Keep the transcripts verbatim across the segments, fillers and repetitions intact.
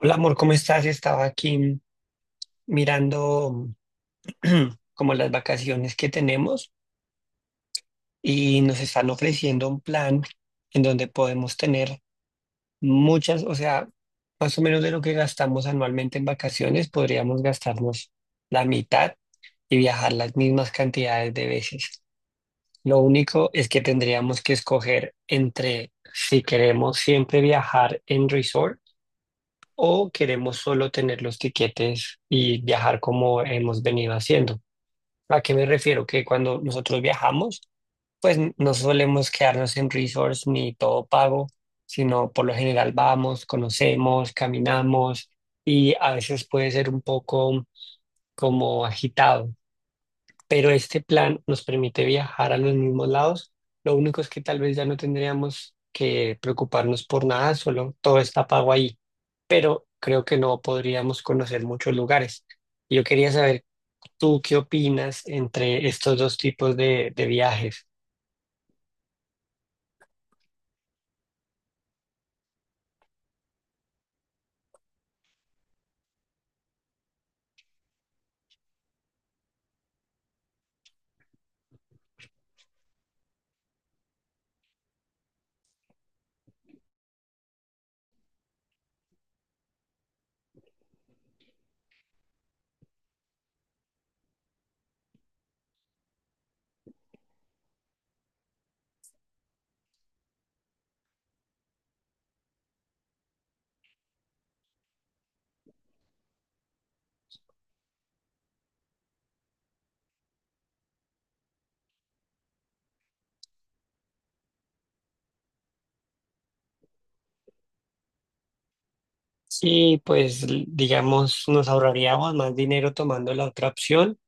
Hola amor, ¿cómo estás? Estaba aquí mirando como las vacaciones que tenemos y nos están ofreciendo un plan en donde podemos tener muchas, o sea, más o menos de lo que gastamos anualmente en vacaciones, podríamos gastarnos la mitad y viajar las mismas cantidades de veces. Lo único es que tendríamos que escoger entre si queremos siempre viajar en resort o queremos solo tener los tiquetes y viajar como hemos venido haciendo. ¿A qué me refiero? Que cuando nosotros viajamos, pues n- no solemos quedarnos en resorts ni todo pago, sino por lo general vamos, conocemos, caminamos y a veces puede ser un poco como agitado, pero este plan nos permite viajar a los mismos lados. Lo único es que tal vez ya no tendríamos que preocuparnos por nada, solo todo está pago ahí, pero creo que no podríamos conocer muchos lugares. Yo quería saber tú qué opinas entre estos dos tipos de, de viajes. Sí, pues l- digamos, nos ahorraríamos más dinero tomando la otra opción,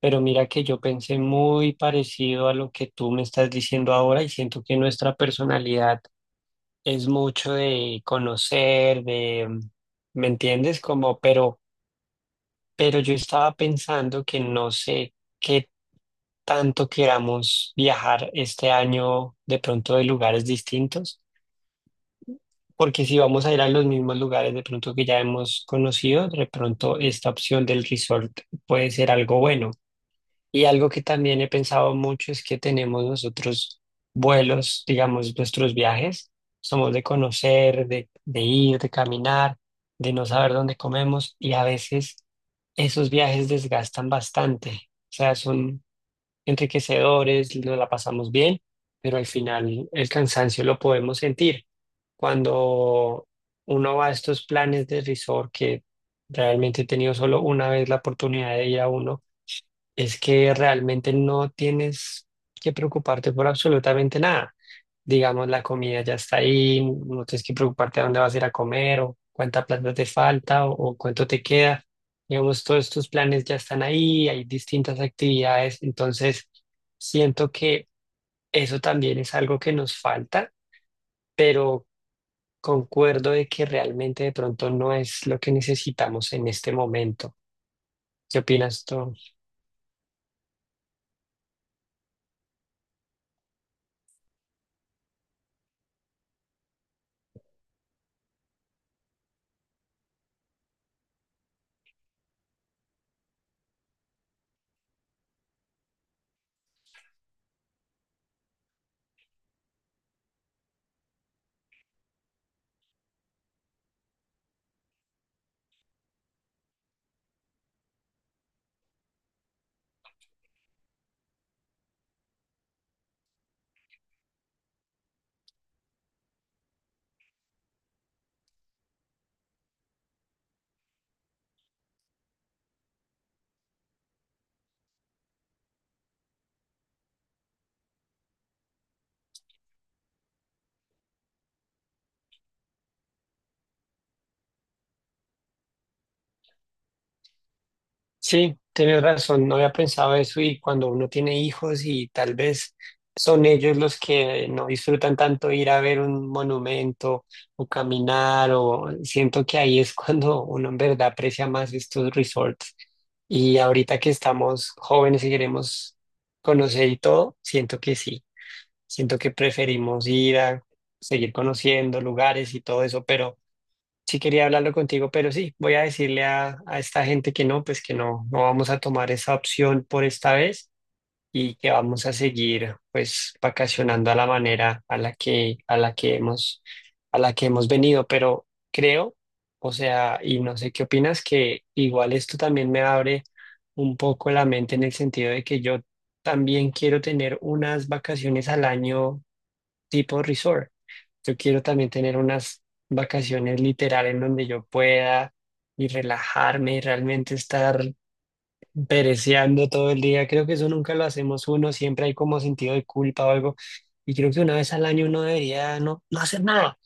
pero mira que yo pensé muy parecido a lo que tú me estás diciendo ahora y siento que nuestra personalidad es mucho de conocer, de, mm, ¿me entiendes? Como, pero, pero yo estaba pensando que no sé qué tanto queramos viajar este año de pronto de lugares distintos, porque si vamos a ir a los mismos lugares de pronto que ya hemos conocido, de pronto esta opción del resort puede ser algo bueno. Y algo que también he pensado mucho es que tenemos nosotros vuelos, digamos, nuestros viajes. Somos de conocer, de, de ir, de caminar, de no saber dónde comemos y a veces esos viajes desgastan bastante. O sea, son enriquecedores, nos la pasamos bien, pero al final el cansancio lo podemos sentir. Cuando uno va a estos planes de resort, que realmente he tenido solo una vez la oportunidad de ir a uno, es que realmente no tienes que preocuparte por absolutamente nada. Digamos, la comida ya está ahí, no tienes que preocuparte a dónde vas a ir a comer o cuánta plata te falta o, o cuánto te queda. Digamos, todos tus planes ya están ahí, hay distintas actividades, entonces siento que eso también es algo que nos falta, pero concuerdo de que realmente de pronto no es lo que necesitamos en este momento. ¿Qué opinas tú? Sí, tienes razón, no había pensado eso, y cuando uno tiene hijos y tal vez son ellos los que no disfrutan tanto ir a ver un monumento o caminar, o siento que ahí es cuando uno en verdad aprecia más estos resorts. Y ahorita que estamos jóvenes y queremos conocer y todo, siento que sí, siento que preferimos ir a seguir conociendo lugares y todo eso, pero... Sí quería hablarlo contigo, pero sí, voy a decirle a, a esta gente que no, pues que no, no vamos a tomar esa opción por esta vez y que vamos a seguir, pues, vacacionando a la manera a la que, a la que hemos, a la que hemos venido. Pero creo, o sea, y no sé qué opinas, que igual esto también me abre un poco la mente en el sentido de que yo también quiero tener unas vacaciones al año tipo resort. Yo quiero también tener unas vacaciones literal en donde yo pueda y relajarme y realmente estar pereceando todo el día. Creo que eso nunca lo hacemos uno, siempre hay como sentido de culpa o algo. Y creo que una vez al año uno debería no, no hacer nada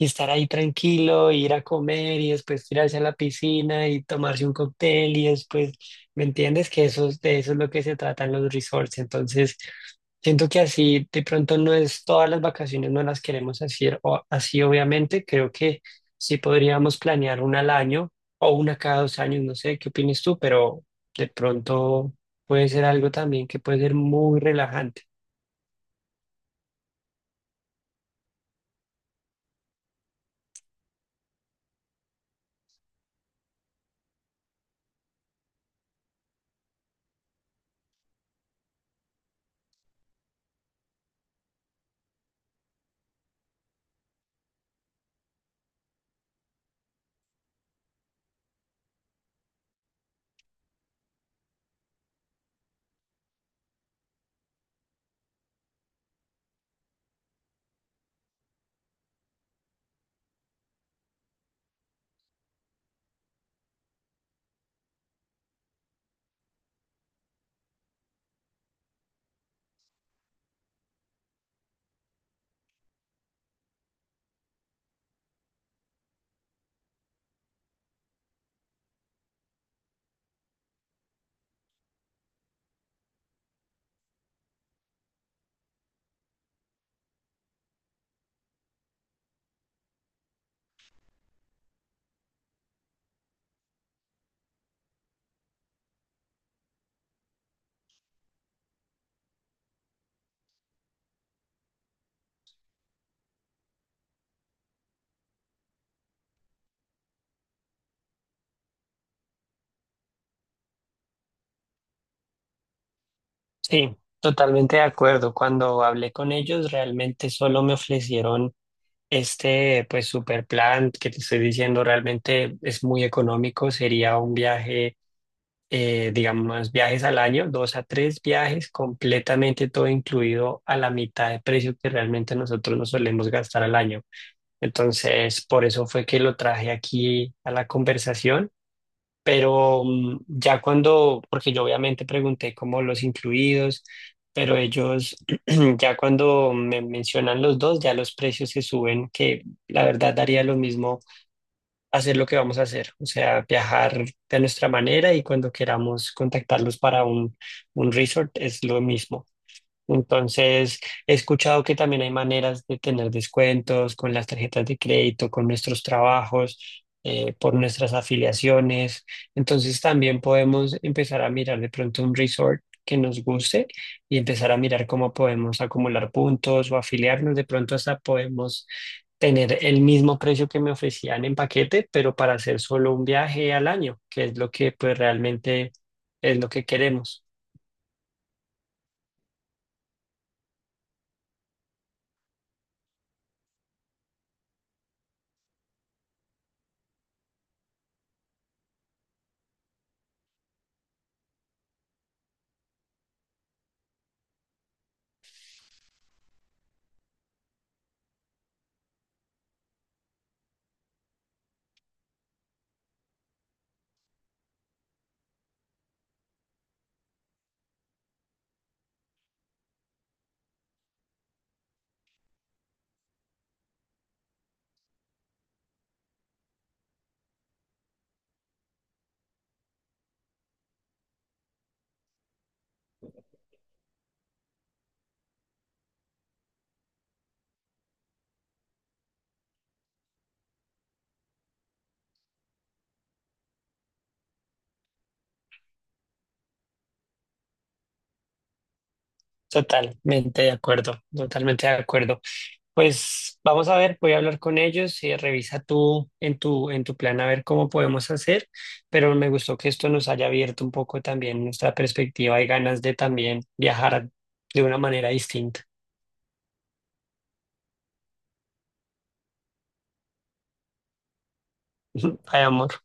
y estar ahí tranquilo, ir a comer y después tirarse a la piscina y tomarse un cóctel y después, ¿me entiendes? Que eso, es- de eso es lo que se trata en los resorts. Entonces, siento que así de pronto no es todas las vacaciones, no las queremos hacer o así, obviamente. Creo que sí podríamos planear una al año o una cada dos años, no sé, ¿qué opinas tú? Pero de pronto puede ser algo también que puede ser muy relajante. Sí, totalmente de acuerdo. Cuando hablé con ellos, realmente solo me ofrecieron este, pues, super plan que te estoy diciendo, realmente es muy económico. Sería un viaje, eh, digamos, viajes al año, dos a tres viajes, completamente todo incluido a la mitad de precio que realmente nosotros nos solemos gastar al año. Entonces, por eso fue que lo traje aquí a la conversación. Pero mm, ya cuando, porque yo obviamente pregunté como los incluidos, pero ellos ya cuando me mencionan los dos, ya los precios se suben, que la verdad daría lo mismo hacer lo que vamos a hacer, o sea, viajar de nuestra manera, y cuando queramos contactarlos para un, un resort es lo mismo. Entonces, he escuchado que también hay maneras de tener descuentos con las tarjetas de crédito, con nuestros trabajos, eh, por nuestras afiliaciones. Entonces, también podemos empezar a mirar de pronto un resort que nos guste y empezar a mirar cómo podemos acumular puntos o afiliarnos. De pronto, hasta podemos tener el mismo precio que me ofrecían en paquete, pero para hacer solo un viaje al año, que es lo que, pues, realmente es lo que queremos. Totalmente de acuerdo, totalmente de acuerdo. Pues vamos a ver, voy a hablar con ellos y revisa tú en tu en tu plan a ver cómo podemos hacer, pero me gustó que esto nos haya abierto un poco también nuestra perspectiva y ganas de también viajar de una manera distinta. Ay, amor.